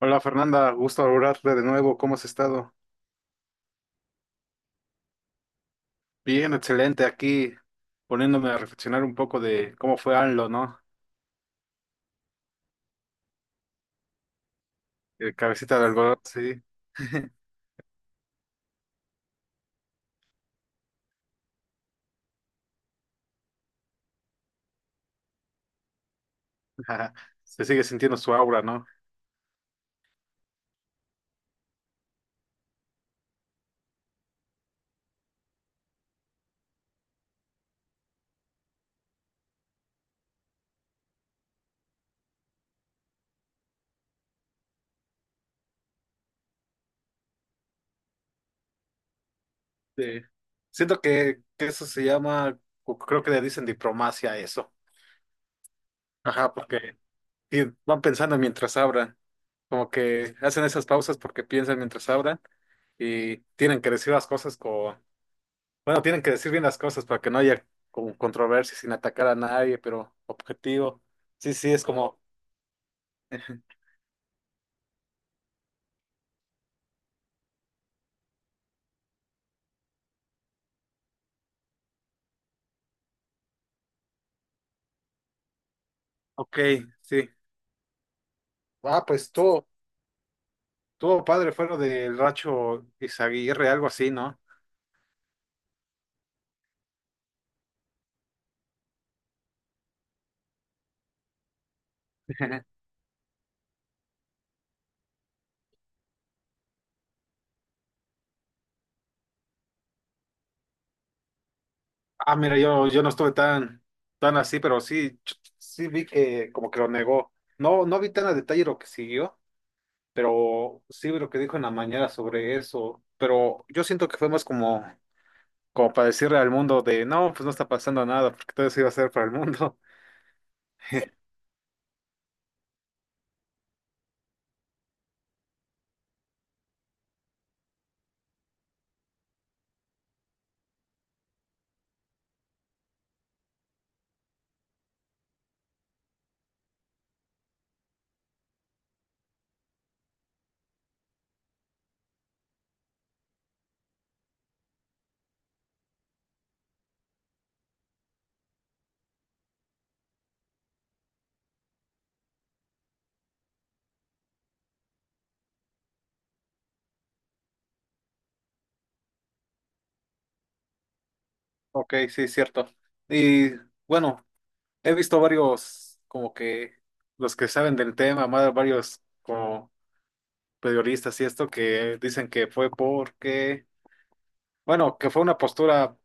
Hola Fernanda, gusto hablarte de nuevo. ¿Cómo has estado? Bien, excelente. Aquí poniéndome a reflexionar un poco de cómo fue AMLO, ¿no? El cabecita de algodón, sí. Se sigue sintiendo su aura, ¿no? Sí. Siento que eso se llama, o creo que le dicen diplomacia a eso. Ajá, porque sí, van pensando mientras hablan. Como que hacen esas pausas porque piensan mientras hablan y tienen que decir las cosas con. Bueno, tienen que decir bien las cosas para que no haya como controversia sin atacar a nadie, pero objetivo. Sí, sí, es como. Ok, sí. Ah, pues todo, todo padre fue lo del Racho Izaguirre, algo así, ¿no? Ah, mira, yo no estuve tan, tan así, pero sí, sí vi que como que lo negó. No, no vi tan a detalle lo que siguió, pero sí vi lo que dijo en la mañana sobre eso. Pero yo siento que fue más como, como para decirle al mundo de, no, pues no está pasando nada, porque todo eso iba a ser para el mundo. Ok, sí, cierto. Y bueno, he visto varios, como que los que saben del tema, más varios como periodistas y esto que dicen que fue porque, bueno, que fue una postura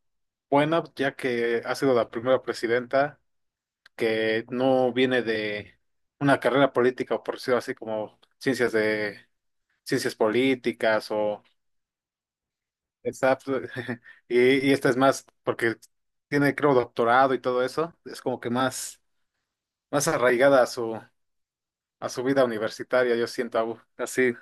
buena, ya que ha sido la primera presidenta que no viene de una carrera política, o por decirlo así, como ciencias de ciencias políticas o... Exacto. Y esta es más, porque tiene, creo, doctorado y todo eso, es como que más, más arraigada a su vida universitaria, yo siento Abu. Así.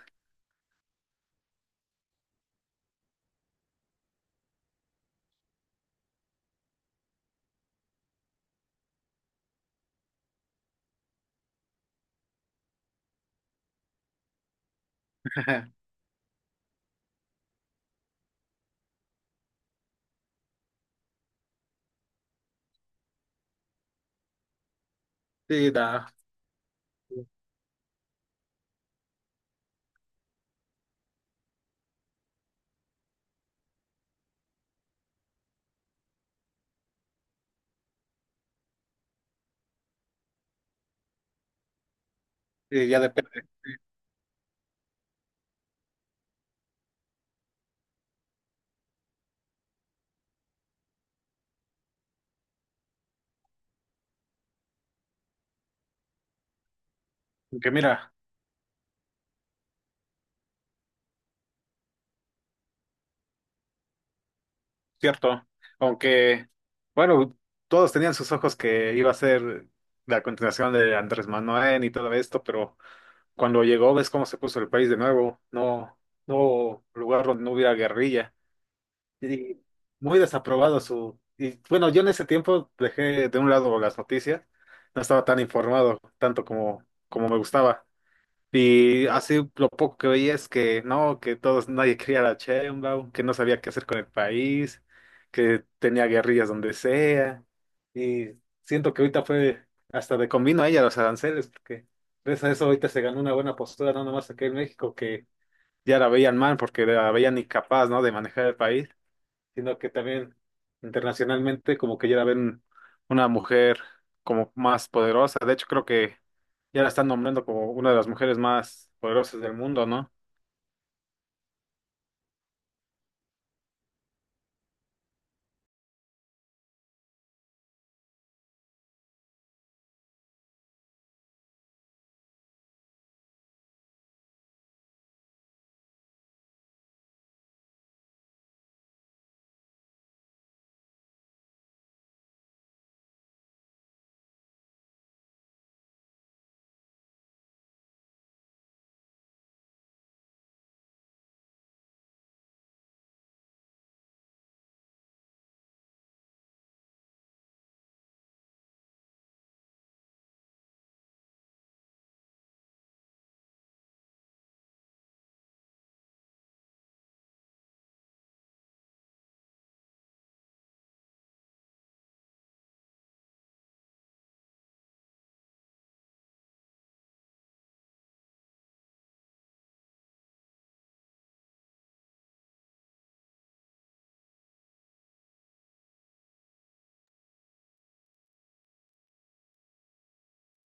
Sí, da. Y ya depende. Aunque mira, cierto, aunque, bueno, todos tenían sus ojos que iba a ser la continuación de Andrés Manuel y todo esto, pero cuando llegó, ves cómo se puso el país de nuevo, no, no lugar donde no hubiera guerrilla. Y muy desaprobado su... Y bueno, yo en ese tiempo dejé de un lado las noticias, no estaba tan informado tanto como, como me gustaba. Y así lo poco que veía es que no, que todos, nadie quería a la Sheinbaum, que no sabía qué hacer con el país, que tenía guerrillas donde sea. Y siento que ahorita fue hasta de convino a ella los aranceles, porque gracias a eso ahorita se ganó una buena postura, no nomás aquí en México, que ya la veían mal porque la veían incapaz, ¿no?, de manejar el país, sino que también internacionalmente como que ya la ven una mujer como más poderosa. De hecho, creo que ya la están nombrando como una de las mujeres más poderosas del mundo, ¿no?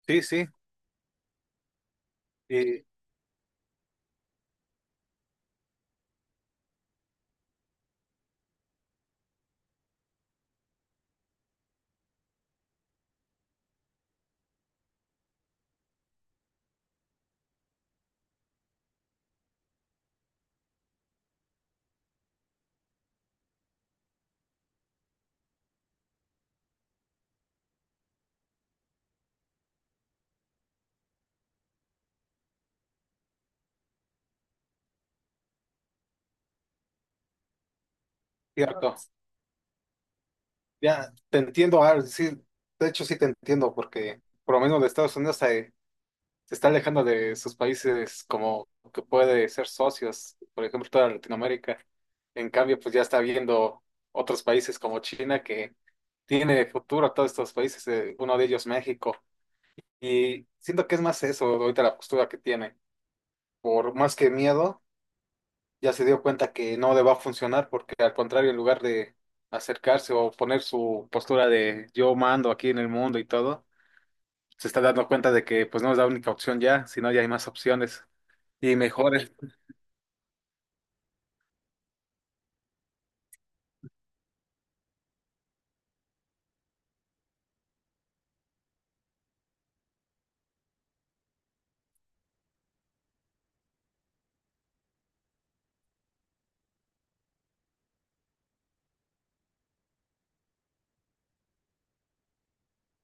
Sí, sí, y cierto. Ya te entiendo, Ar, sí, de hecho sí te entiendo, porque por lo menos de Estados Unidos se, se está alejando de sus países como que puede ser socios, por ejemplo, toda Latinoamérica. En cambio, pues ya está viendo otros países como China que tiene futuro todos estos países, uno de ellos México. Y siento que es más eso ahorita la postura que tiene. Por más que miedo, ya se dio cuenta que no le va a funcionar porque al contrario, en lugar de acercarse o poner su postura de yo mando aquí en el mundo y todo, se está dando cuenta de que pues no es la única opción ya, sino ya hay más opciones y mejores.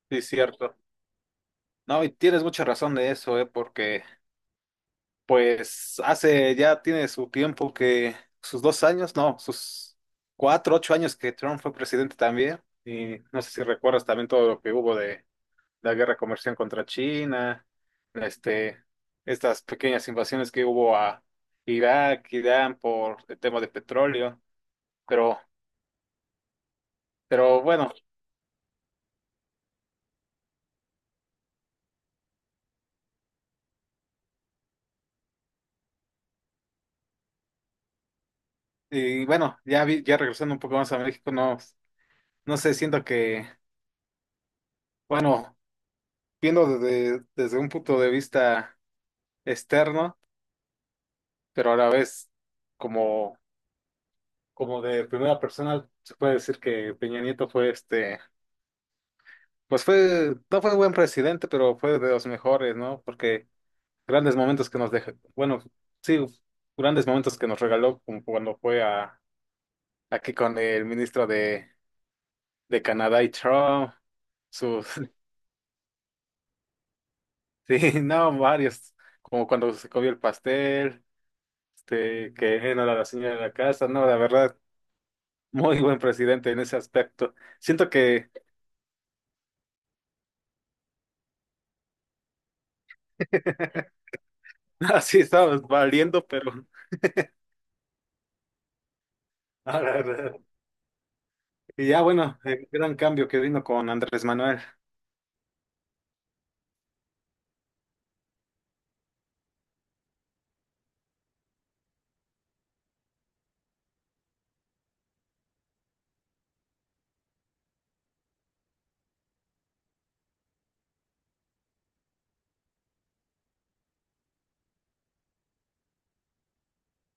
Sí, cierto. No, y tienes mucha razón de eso, porque pues hace ya tiene su tiempo que sus dos años, no, sus cuatro, ocho años que Trump fue presidente también. Y no sé si recuerdas también todo lo que hubo de la guerra comercial contra China, este, estas pequeñas invasiones que hubo a Irak, Irán por el tema de petróleo. Pero, pero bueno, y bueno, ya regresando un poco más a México, no, no sé, siento que, bueno, viendo desde, desde un punto de vista externo pero a la vez como, como de primera persona se puede decir que Peña Nieto fue este, pues fue, no fue buen presidente, pero fue de los mejores, ¿no? Porque grandes momentos que nos dejó, bueno, sí, grandes momentos que nos regaló como cuando fue a, aquí con el ministro de Canadá y Trump, sus... Sí, no, varios, como cuando se comió el pastel, este, que no era la señora de la casa, no, la verdad, muy buen presidente en ese aspecto. Siento que... Así estabas valiendo, pero... A la verdad. Y ya, bueno, el gran cambio que vino con Andrés Manuel.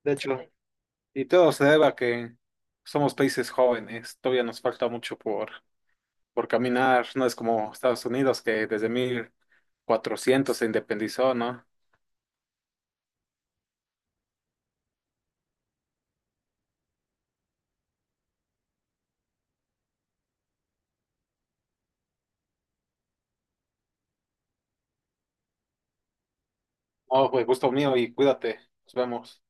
De hecho, y todo se debe a que somos países jóvenes, todavía nos falta mucho por caminar, no es como Estados Unidos que desde 1400 se independizó, ¿no? Oh, pues gusto mío y cuídate, nos vemos.